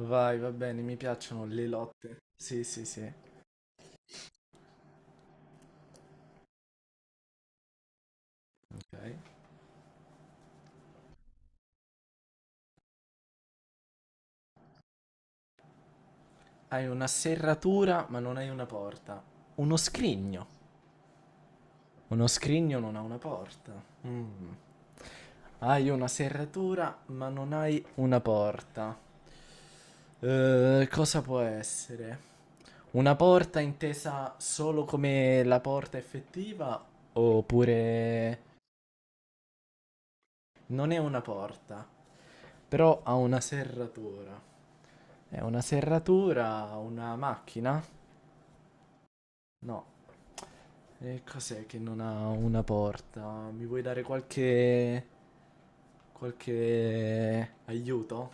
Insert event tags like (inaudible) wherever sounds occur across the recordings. Vai, va bene, mi piacciono le lotte. Sì, sì, sì. Ok. Hai una serratura, ma non hai una porta. Uno scrigno. Uno scrigno non ha una porta. Mm. Hai una serratura, ma non hai una porta. Cosa può essere? Una porta intesa solo come la porta effettiva, oppure non è una porta, però ha una serratura. È una serratura, una macchina? No. E cos'è che non ha una porta? Mi vuoi dare qualche... qualche aiuto?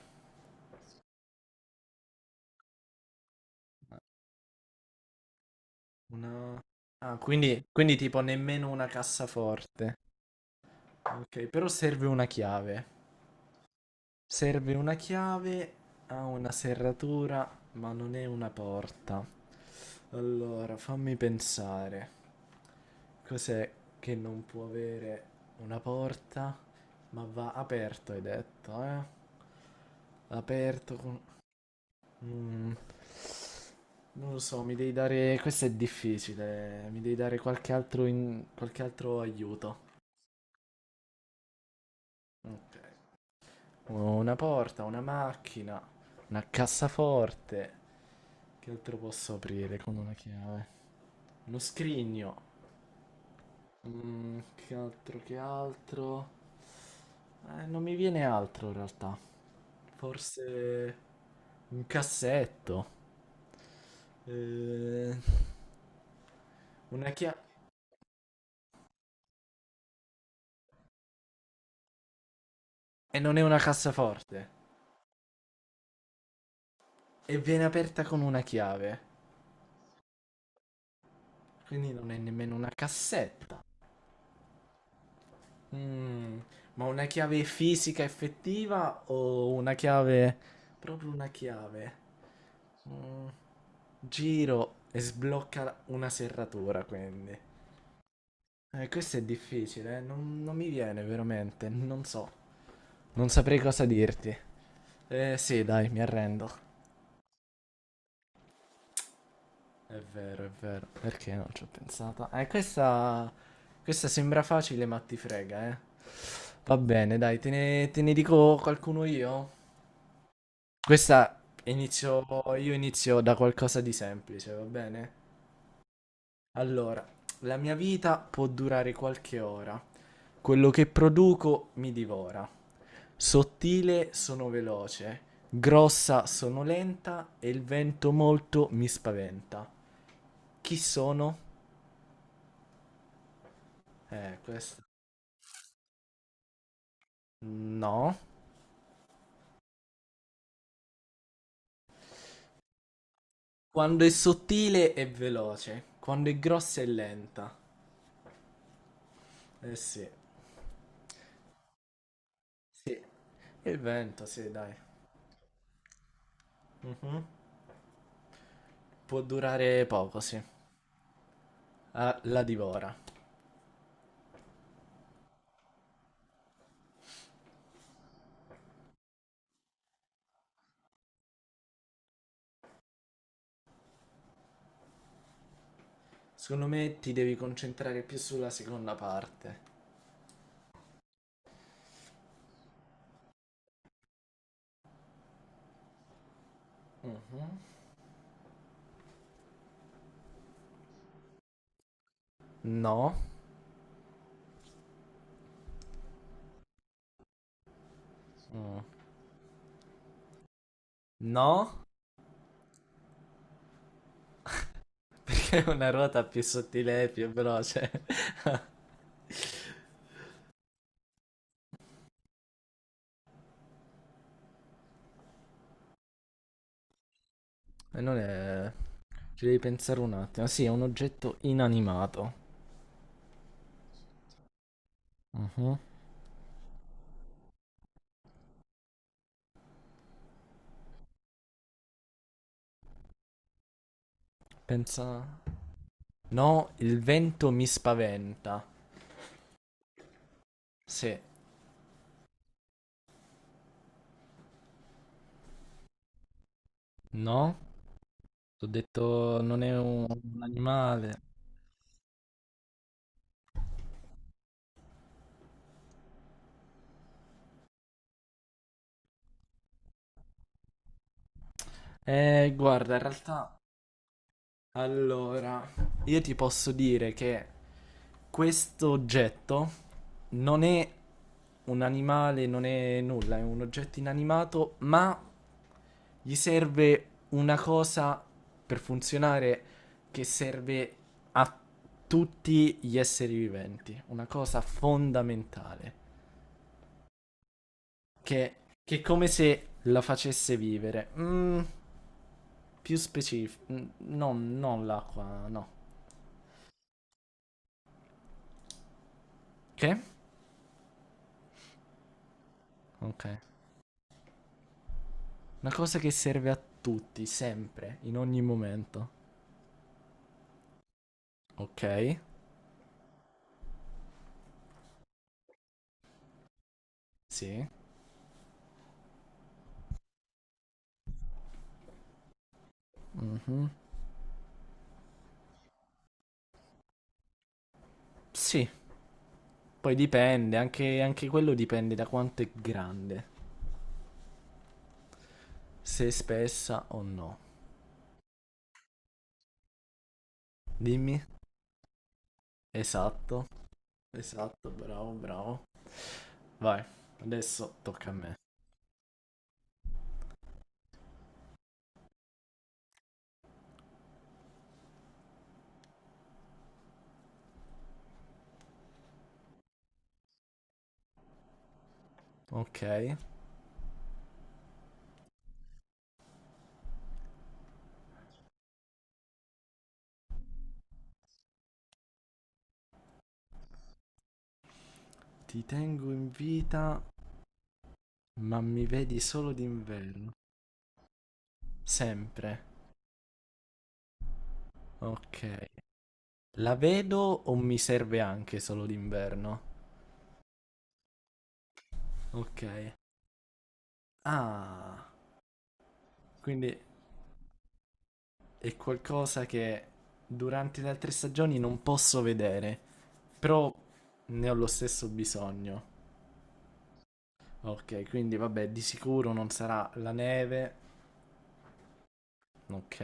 Una... Ah, quindi tipo nemmeno una cassaforte. Ok, però serve una chiave. Serve una chiave, ha una serratura, ma non è una porta. Allora, fammi pensare. Cos'è che non può avere una porta? Ma va aperto, hai detto, eh? Aperto con... Mm. Non lo so, mi devi dare... Questo è difficile, mi devi dare qualche altro, qualche altro aiuto. Ok. Una porta, una macchina, una cassaforte. Che altro posso aprire con una chiave? Uno scrigno. Mm, che altro, che altro? Non mi viene altro in realtà. Forse un cassetto. Eh, una chiave. E non è una cassaforte. E viene aperta con una chiave. Quindi non è nemmeno una cassetta. Mm, ma una chiave fisica effettiva o una chiave... Proprio una chiave. Mm, giro e sblocca una serratura, quindi. Questo è difficile, non mi viene veramente, non so. Non saprei cosa dirti. Eh sì, dai, mi arrendo. È vero, è vero. Perché non ci ho pensato? Questa... questa sembra facile, ma ti frega, eh. Va bene, dai, te ne dico qualcuno io. Questa inizio... io inizio da qualcosa di semplice, va bene? Allora, la mia vita può durare qualche ora. Quello che produco mi divora. Sottile sono veloce, grossa sono lenta e il vento molto mi spaventa. Chi sono? Questa... No. Quando è sottile è veloce, quando è grossa è lenta. Eh sì. Sì. Il vento, sì, dai. Mhm. Può durare poco, sì. Ah, la divora. Secondo me ti devi concentrare più sulla seconda parte. Mhm. No. Mm. No. (laughs) Perché una ruota più sottile e più veloce. (laughs) E non è... Ci devi pensare un attimo. Sì, è un oggetto inanimato. Mhm. Pensa... No, il vento mi spaventa. Sì. No? Ho detto non è un animale. Guarda, in realtà allora, io ti posso dire che questo oggetto non è un animale, non è nulla, è un oggetto inanimato, ma gli serve una cosa per funzionare che serve a tutti gli esseri viventi, una cosa fondamentale, che, che è come se la facesse vivere. Mm, più specifico, no, non l'acqua, no. Che? Ok. Una cosa che serve a tutti, sempre, in ogni momento. Ok. Sì. Mhm. Sì. Poi dipende, anche quello dipende da quanto è grande. Se è spessa o no. Dimmi. Esatto. Esatto, bravo, bravo. Vai. Adesso tocca a me. Ok. Ti tengo in vita, ma mi vedi solo d'inverno. Sempre. Ok. La vedo o mi serve anche solo d'inverno? Ok. Ah, quindi è qualcosa che durante le altre stagioni non posso vedere, però ne ho lo stesso bisogno. Ok, quindi vabbè, di sicuro non sarà la neve. Ok.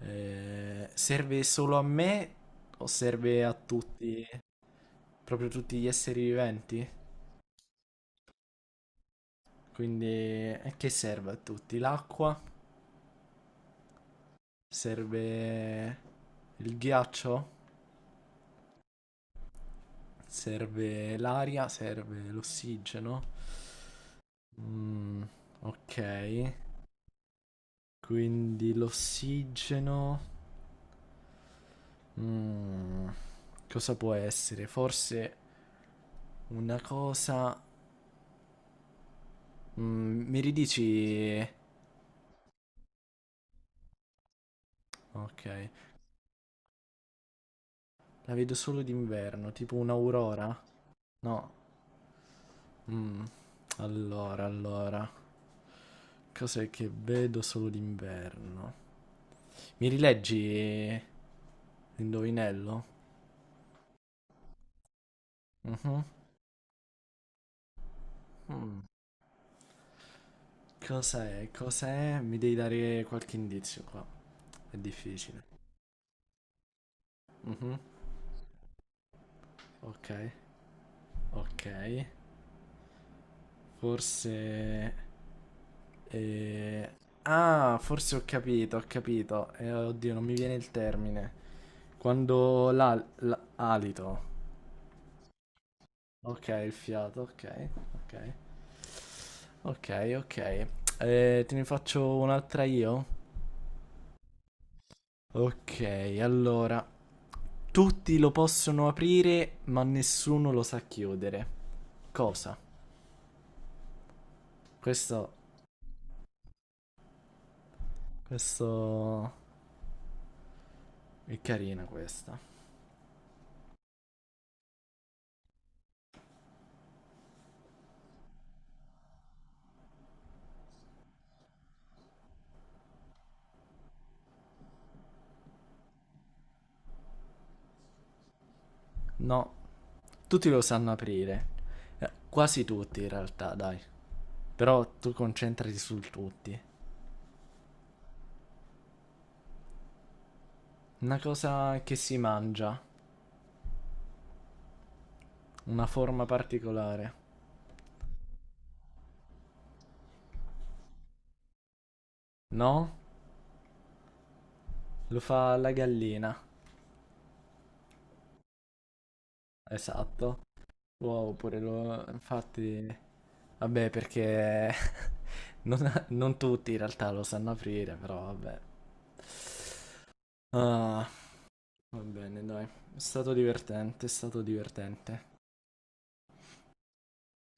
Serve solo a me o serve a tutti, proprio tutti gli esseri viventi? Quindi che serve a tutti? L'acqua? Serve il ghiaccio? Serve l'aria, serve l'ossigeno. Mm, ok. Quindi l'ossigeno. Mm, cosa può essere? Forse una cosa. Mm, mi ridici. Ok. La vedo solo d'inverno, tipo un'aurora? No. Mm, allora, allora. Cos'è che vedo solo d'inverno? Mi rileggi l'indovinello? Mhm. Mm. Cos'è? Cos'è? Mi devi dare qualche indizio qua. È difficile. Mhm. Ok. Ok. Forse... eh, ah, forse ho capito, ho capito. Oddio, non mi viene il termine. Quando l'alito. Ok, il fiato, ok. Ok. Ok, ok. Te ne faccio un'altra io? Ok, allora. Tutti lo possono aprire, ma nessuno lo sa chiudere. Cosa? Questo, questo è carina questa. No, tutti lo sanno aprire. Quasi tutti in realtà, dai. Però tu concentrati sul tutti. Una cosa che si mangia, una forma particolare. No? Lo fa la gallina. Esatto. Wow, pure lo... Infatti... Vabbè, perché non tutti in realtà lo sanno aprire, però vabbè. Ah, va bene, dai. È stato divertente, è stato divertente.